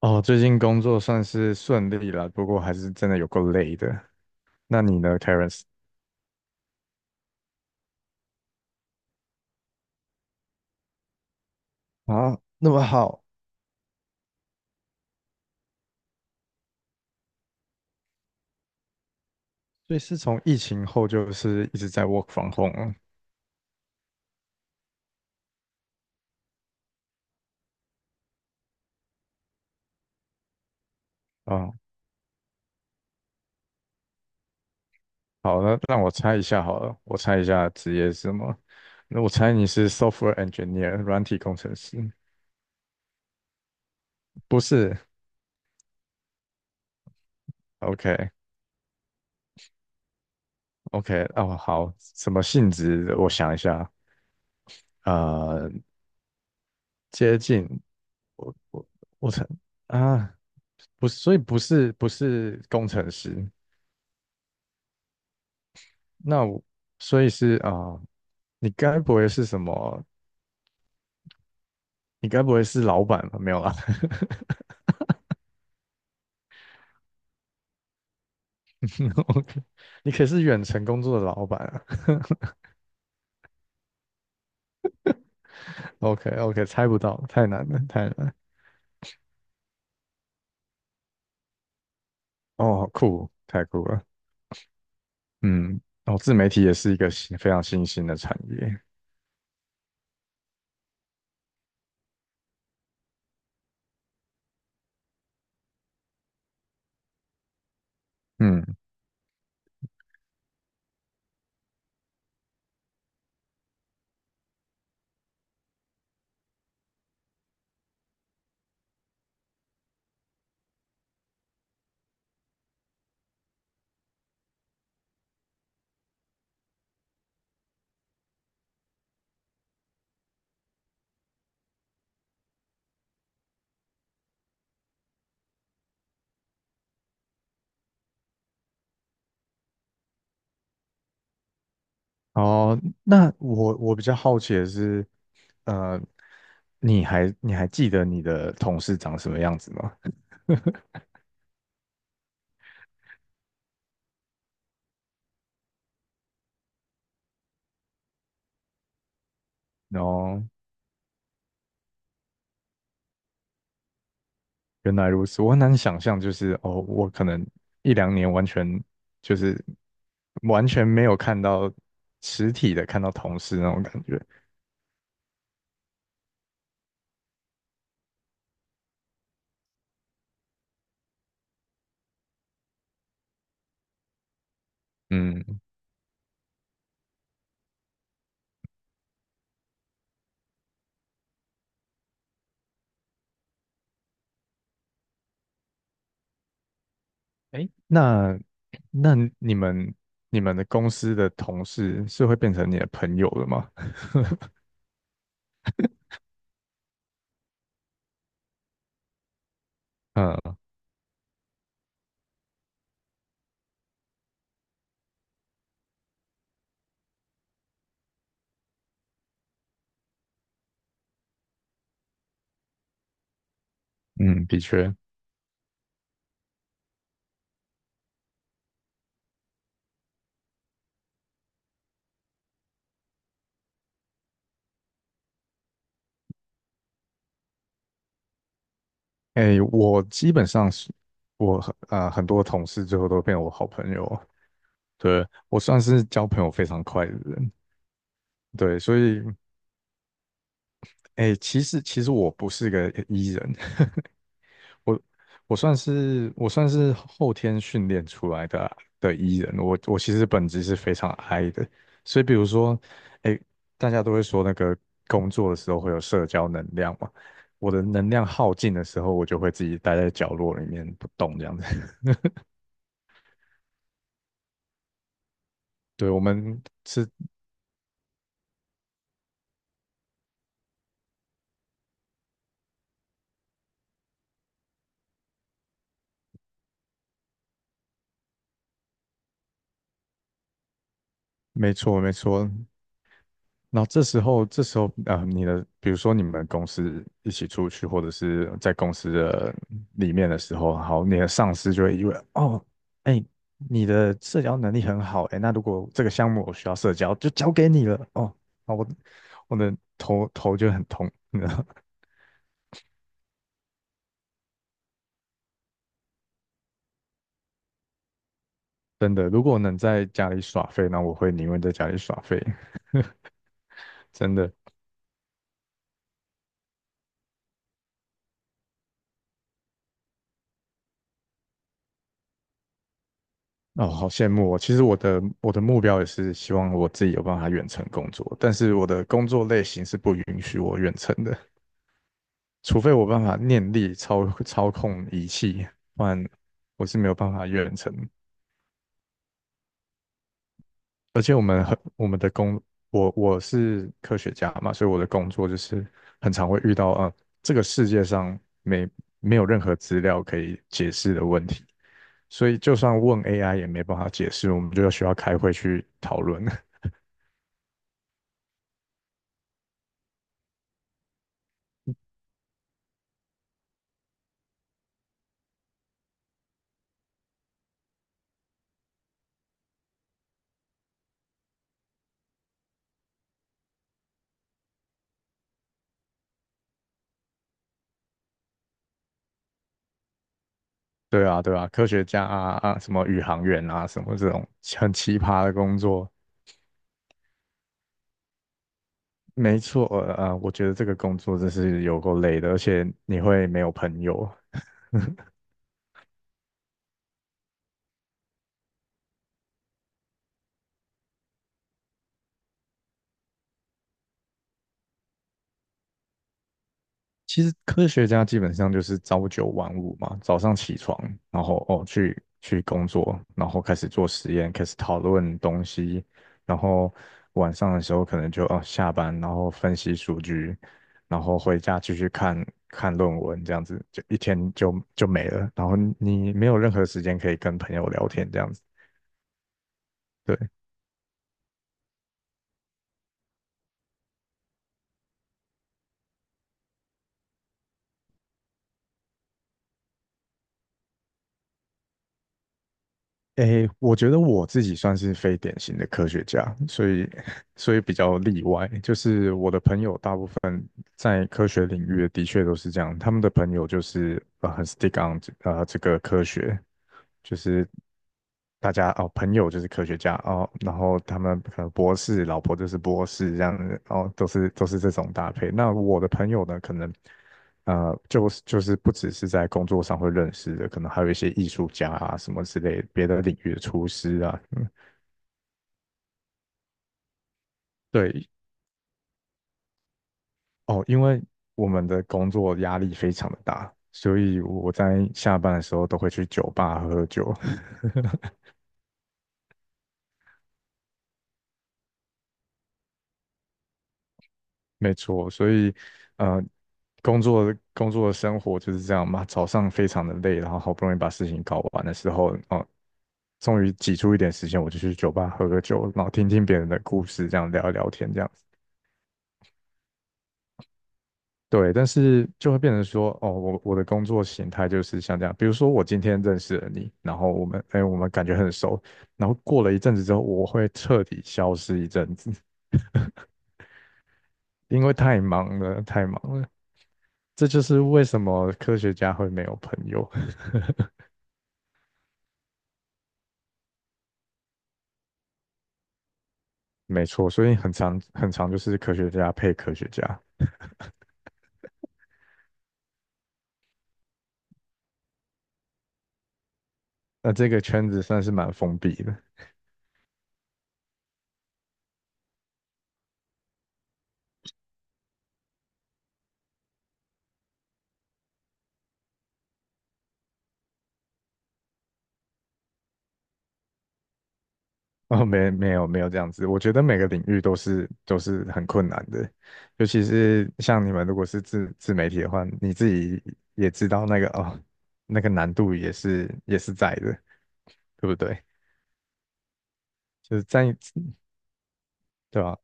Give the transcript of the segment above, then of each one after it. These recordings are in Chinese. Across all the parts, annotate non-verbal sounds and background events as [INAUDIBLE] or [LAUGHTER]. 哦，最近工作算是顺利了，不过还是真的有够累的。那你呢，Terence？啊，那么好，所以是从疫情后就是一直在 work from home 啊。啊好，那让我猜一下好了，我猜一下职业是什么？那我猜你是 software engineer，软体工程师？不是？OK，OK，哦，好，什么性质我想一下，呃，接近，我我我猜啊，不是，所以不是工程师。那我所以是啊、你该不会是什么？你该不会是老板吧？没有啦 [LAUGHS]，OK，你可是远程工作的老板啊 [LAUGHS]，OK OK，猜不到，太难了，太难了，哦，好酷，太酷了，嗯，哦，自媒体也是一个新非常新兴的产业，嗯，哦，那我比较好奇的是，呃，你还记得你的同事长什么样子吗？[LAUGHS] 哦，原来如此，我很难想象，就是哦，我可能一两年完全就是完全没有看到实体的，看到同事那种感觉。嗯，哎，那那你们你们的公司的同事是会变成你的朋友的吗？[LAUGHS] 嗯嗯，的确，哎，我基本上是我很很多同事最后都变我好朋友，对，我算是交朋友非常快的人，对，所以哎，其实我不是个 E 人，[LAUGHS] 我我算是后天训练出来的E 人，我其实本质是非常 I 的，所以比如说，哎，大家都会说那个工作的时候会有社交能量嘛，我的能量耗尽的时候，我就会自己待在角落里面不动这样子。[LAUGHS] 对，我们是没错，然后这时候，你的，比如说你们公司一起出去，或者是在公司的里面的时候，好，你的上司就会以为，哦，哎，你的社交能力很好，哎，那如果这个项目我需要社交，就交给你了，哦，啊，我的头头就很痛，[LAUGHS] 真的，如果能在家里耍废，那我会宁愿在家里耍废，真的。哦，好羡慕哦！其实我的目标也是希望我自己有办法远程工作，但是我的工作类型是不允许我远程的，除非我办法念力操控仪器，不然我是没有办法远程。而且我们很我们的工，我是科学家嘛，所以我的工作就是很常会遇到啊、这个世界上没没有任何资料可以解释的问题，所以就算问 AI 也没办法解释，我们就需要开会去讨论。[LAUGHS] 对啊，对啊，科学家啊，什么宇航员啊，什么这种很奇葩的工作，没错，我觉得这个工作真是有够累的，而且你会没有朋友。[LAUGHS] 其实科学家基本上就是朝九晚五嘛，早上起床，然后哦去工作，然后开始做实验，开始讨论东西，然后晚上的时候可能就哦下班，然后分析数据，然后回家继续看看论文，这样子就一天就没了，然后你没有任何时间可以跟朋友聊天，这样子。对。诶，我觉得我自己算是非典型的科学家，所以 [LAUGHS] 所以比较例外。就是我的朋友大部分在科学领域的确都是这样，他们的朋友就是很 stick on 这这个科学，就是大家哦朋友就是科学家哦，然后他们可能博士，老婆就是博士这样子，哦都是这种搭配。那我的朋友呢，可能。呃，就是不只是在工作上会认识的，可能还有一些艺术家啊什么之类，别的领域的厨师啊，嗯，对，哦，因为我们的工作压力非常的大，所以我在下班的时候都会去酒吧喝喝酒，[LAUGHS] 没错，所以呃，工作的生活就是这样嘛，早上非常的累，然后好不容易把事情搞完的时候，哦，终于挤出一点时间，我就去酒吧喝个酒，然后听听别人的故事，这样聊一聊天，这样。对，但是就会变成说，哦，我的工作形态就是像这样，比如说我今天认识了你，然后我们，哎，我们感觉很熟，然后过了一阵子之后，我会彻底消失一阵子，[LAUGHS] 因为太忙了，太忙了。这就是为什么科学家会没有朋友，[LAUGHS] 没错，所以很长就是科学家配科学家，那这个圈子算是蛮封闭的。[LAUGHS] 哦，没有这样子，我觉得每个领域都是很困难的，尤其是像你们如果是自媒体的话，你自己也知道那个哦，那个难度也是在的，对不对？就是在对吧？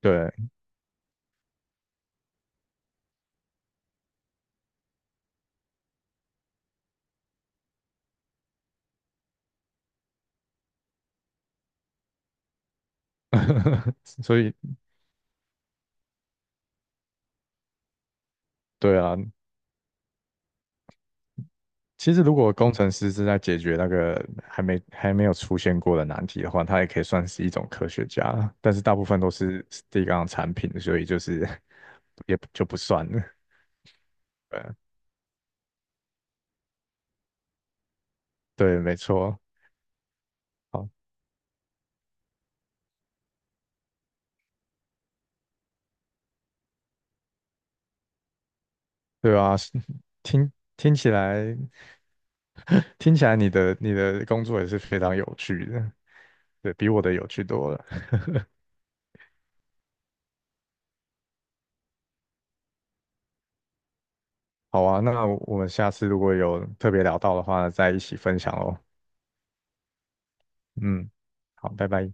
对，[LAUGHS] 所以对啊，其实如果工程师是在解决那个还没有出现过的难题的话，他也可以算是一种科学家，但是大部分都是第一个产品，所以就是 [LAUGHS] 也就不算了。对，没错，好，对啊，[LAUGHS] 是听听起来，听起来你的工作也是非常有趣的，对，比我的有趣多了。[LAUGHS] 好啊，那我们下次如果有特别聊到的话，再一起分享哦。嗯，好，拜拜。